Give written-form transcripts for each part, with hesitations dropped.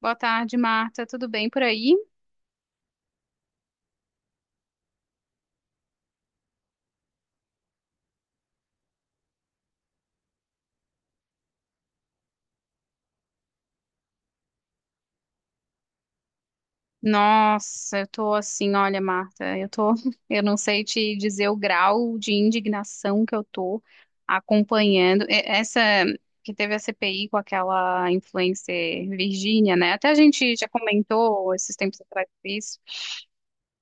Boa tarde, Marta. Tudo bem por aí? Nossa, eu tô assim, olha, Marta, eu tô, eu não sei te dizer o grau de indignação que eu tô acompanhando. Essa que teve a CPI com aquela influencer Virgínia, né? Até a gente já comentou esses tempos atrás isso.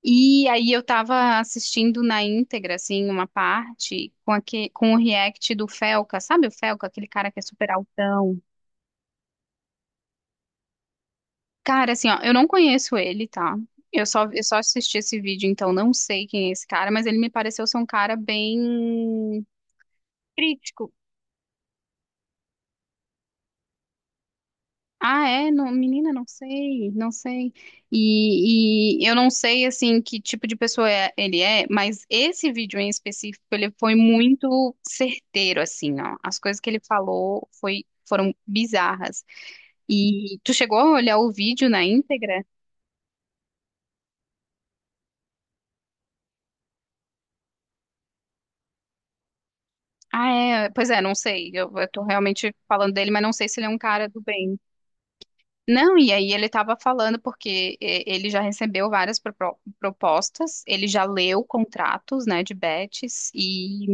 E aí eu tava assistindo na íntegra, assim, uma parte com o react do Felca, sabe o Felca, aquele cara que é super altão? Cara, assim, ó, eu não conheço ele, tá? Eu só assisti esse vídeo, então não sei quem é esse cara, mas ele me pareceu ser um cara bem crítico. Ah, é? Não, menina, não sei, não sei. E eu não sei, assim, que tipo de pessoa é- ele é, mas esse vídeo em específico, ele foi muito certeiro, assim, ó. As coisas que ele falou foram bizarras. E tu chegou a olhar o vídeo na íntegra? Ah, é. Pois é, não sei. Eu tô realmente falando dele, mas não sei se ele é um cara do bem. Não, e aí ele estava falando porque e- ele já recebeu várias propostas, ele já leu contratos, né, de bets, e,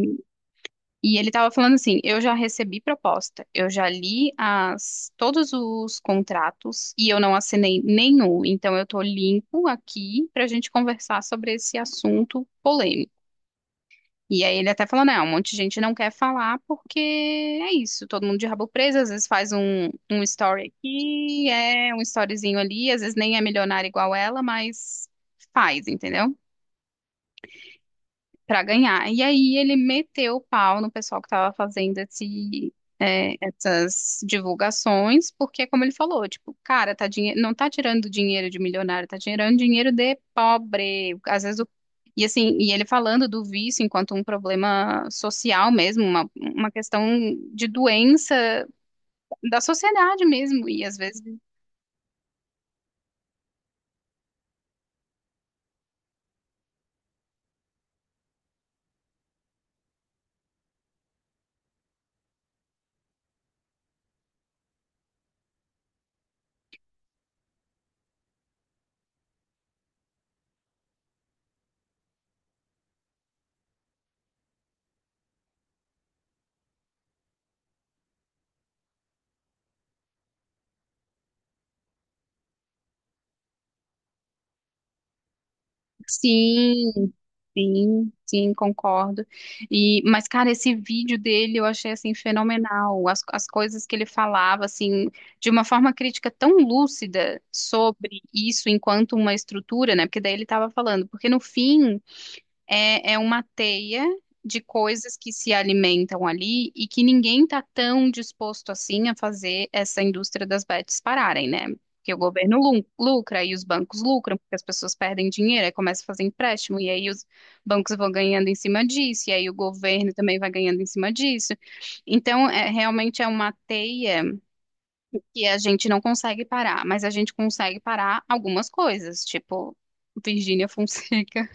e ele estava falando assim, eu já recebi proposta, eu já li todos os contratos e eu não assinei nenhum, então eu tô limpo aqui para a gente conversar sobre esse assunto polêmico. E aí ele até falou, né um monte de gente não quer falar porque é isso, todo mundo de rabo preso, às vezes faz um story aqui, é um storyzinho ali, às vezes nem é milionária igual ela, mas faz, entendeu? Para ganhar. E aí ele meteu o pau no pessoal que estava fazendo essas divulgações, porque, como ele falou, tipo, cara, não tá tirando dinheiro de milionário, tá tirando dinheiro de pobre. Às vezes o... E assim, e ele falando do vício enquanto um problema social mesmo, uma questão de doença da sociedade mesmo. E às vezes sim, sim, sim, concordo. E, mas, cara, esse vídeo dele eu achei assim fenomenal. As coisas que ele falava, assim, de uma forma crítica tão lúcida sobre isso enquanto uma estrutura, né? Porque daí ele estava falando, porque no fim é uma teia de coisas que se alimentam ali e que ninguém está tão disposto assim a fazer essa indústria das bets pararem, né? Porque o governo lucra e os bancos lucram, porque as pessoas perdem dinheiro, aí começa a fazer empréstimo, e aí os bancos vão ganhando em cima disso, e aí o governo também vai ganhando em cima disso. Então, é, realmente é uma teia que a gente não consegue parar, mas a gente consegue parar algumas coisas, tipo Virgínia Fonseca,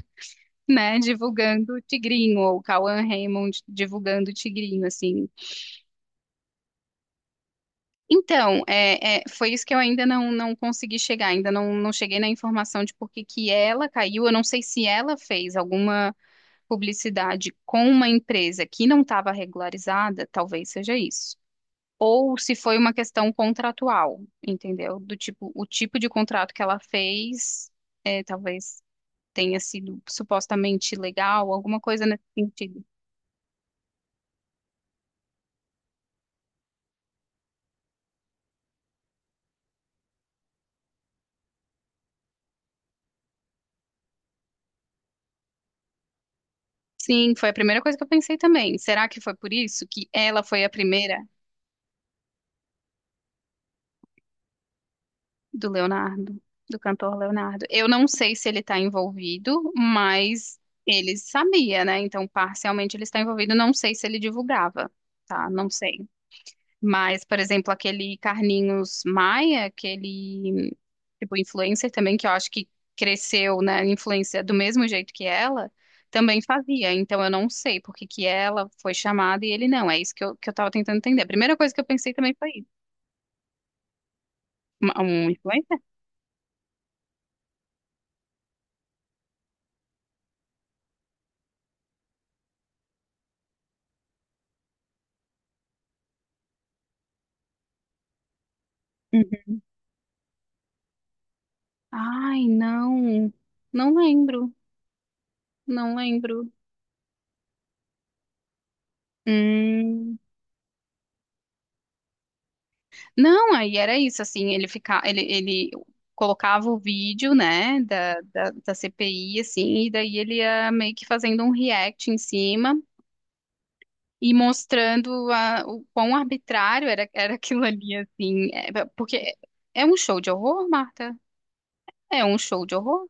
né, divulgando o Tigrinho, ou Cauã Raymond divulgando o Tigrinho, assim. Então, foi isso que eu ainda não consegui chegar, ainda não cheguei na informação de por que que ela caiu. Eu não sei se ela fez alguma publicidade com uma empresa que não estava regularizada, talvez seja isso. Ou se foi uma questão contratual, entendeu? Do tipo, o tipo de contrato que ela fez, é, talvez tenha sido supostamente legal, alguma coisa nesse sentido. Sim, foi a primeira coisa que eu pensei também. Será que foi por isso que ela foi a primeira do Leonardo, do cantor Leonardo? Eu não sei se ele está envolvido, mas ele sabia, né? Então, parcialmente ele está envolvido. Não sei se ele divulgava, tá? Não sei. Mas, por exemplo, aquele Carlinhos Maia, aquele tipo influencer também, que eu acho que cresceu na influência do mesmo jeito que ela, também fazia. Então eu não sei por que que ela foi chamada e ele não. É isso que eu tava tentando entender. A primeira coisa que eu pensei também foi isso. Um influencer? Uhum. Ai, não. Não lembro. Não lembro. Hum. Não, aí era isso, assim, ele colocava o vídeo, né, da CPI, assim, e daí ele ia meio que fazendo um react em cima e mostrando a, o quão arbitrário era aquilo ali, assim. É, porque é um show de horror, Marta? É um show de horror?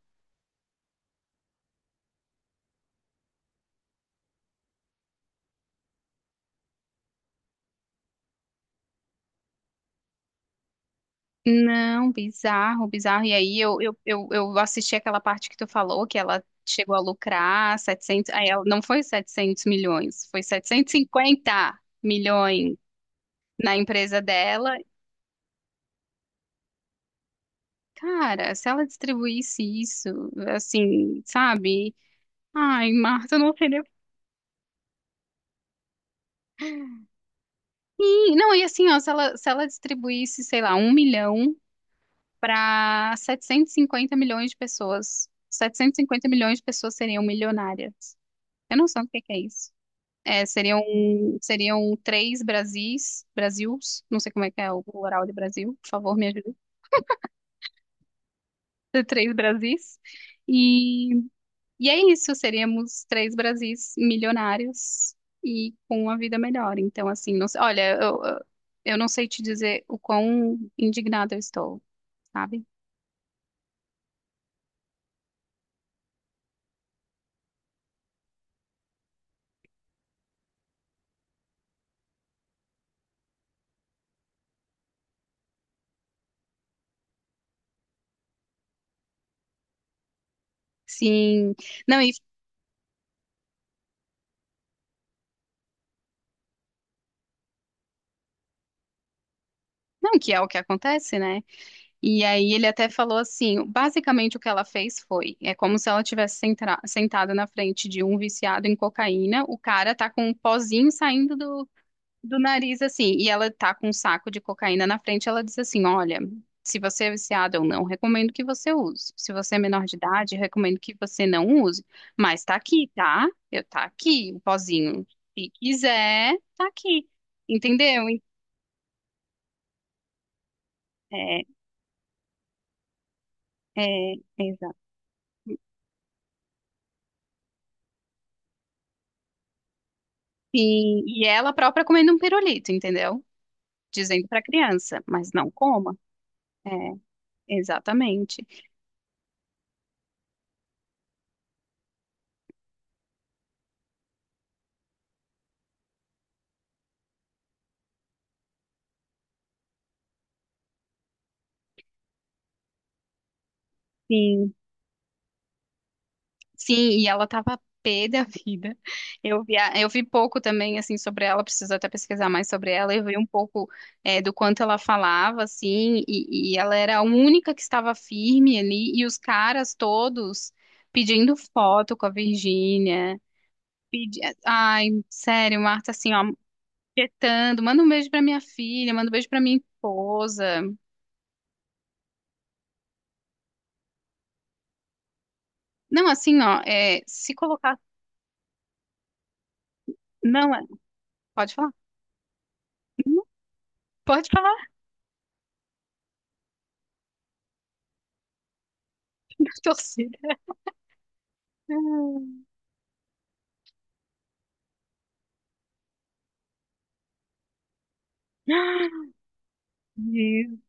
Não, bizarro, bizarro. E aí eu assisti aquela parte que tu falou, que ela chegou a lucrar 700. Não foi 700 milhões, foi 750 milhões na empresa dela. Cara, se ela distribuísse isso, assim, sabe? Ai, Marta, não seria assim. Não, e assim, ó, se ela distribuísse, sei lá, um milhão para 750 milhões de pessoas, 750 milhões de pessoas seriam milionárias. Eu não sei o que que é isso. É, seriam três Brasis, Brasils, não sei como é que é o plural de Brasil, por favor, me ajude. Três Brasis. E E é isso, seríamos três Brasis milionários e com uma vida melhor. Então, assim, não sei, olha, eu não sei te dizer o quão indignada eu estou, sabe? Sim, não, e não, que é o que acontece, né? E aí ele até falou assim, basicamente o que ela fez foi, é como se ela tivesse sentra- sentada na frente de um viciado em cocaína, o cara tá com um pozinho saindo do nariz assim, e ela tá com um saco de cocaína na frente, ela diz assim: "Olha, se você é viciado ou não, recomendo que você use. Se você é menor de idade, recomendo que você não use, mas tá aqui, tá? Eu tá aqui, o pozinho. Se quiser, tá aqui." Entendeu? É, Exato. Sim, e ela própria comendo um pirulito, entendeu? Dizendo pra criança, mas não coma. É, exatamente. Sim. Sim, e ela tava pé da vida. Eu vi pouco também, assim, sobre ela, preciso até pesquisar mais sobre ela. Eu vi um pouco, eh, do quanto ela falava, assim, e ela era a única que estava firme ali, e os caras todos pedindo foto com a Virgínia. Pedi... Ai, sério, Marta, assim, ó, petando, manda um beijo pra minha filha, manda um beijo pra minha esposa. Não, assim, ó, é, se colocar. Não, pode falar? Não, pode falar, torcida. Jesus.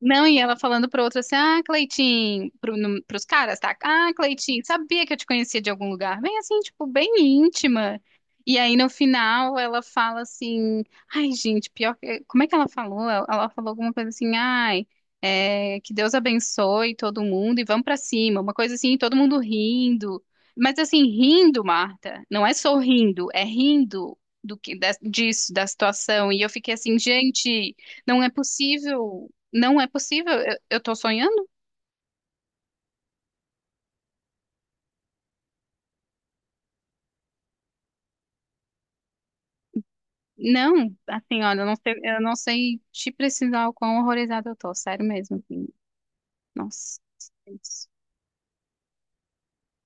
Não, e ela falando para outro assim, ah, Cleitinho, pro, no, pros caras, tá? Ah, Cleitinho, sabia que eu te conhecia de algum lugar? Bem assim, tipo, bem íntima. E aí no final ela fala assim, ai, gente, pior que. Como é que ela falou? Ela falou alguma coisa assim, ai, é, que Deus abençoe todo mundo e vamos pra cima. Uma coisa assim, todo mundo rindo. Mas assim, rindo, Marta, não é sorrindo, é rindo do que da- disso, da situação. E eu fiquei assim, gente. Não é possível, não é possível. Eu tô sonhando? Não, assim, olha, eu não sei te precisar o quão horrorizada eu tô, sério mesmo, assim. Nossa, Deus.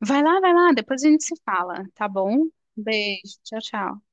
Vai lá, vai lá, depois a gente se fala, tá bom? Beijo, tchau, tchau.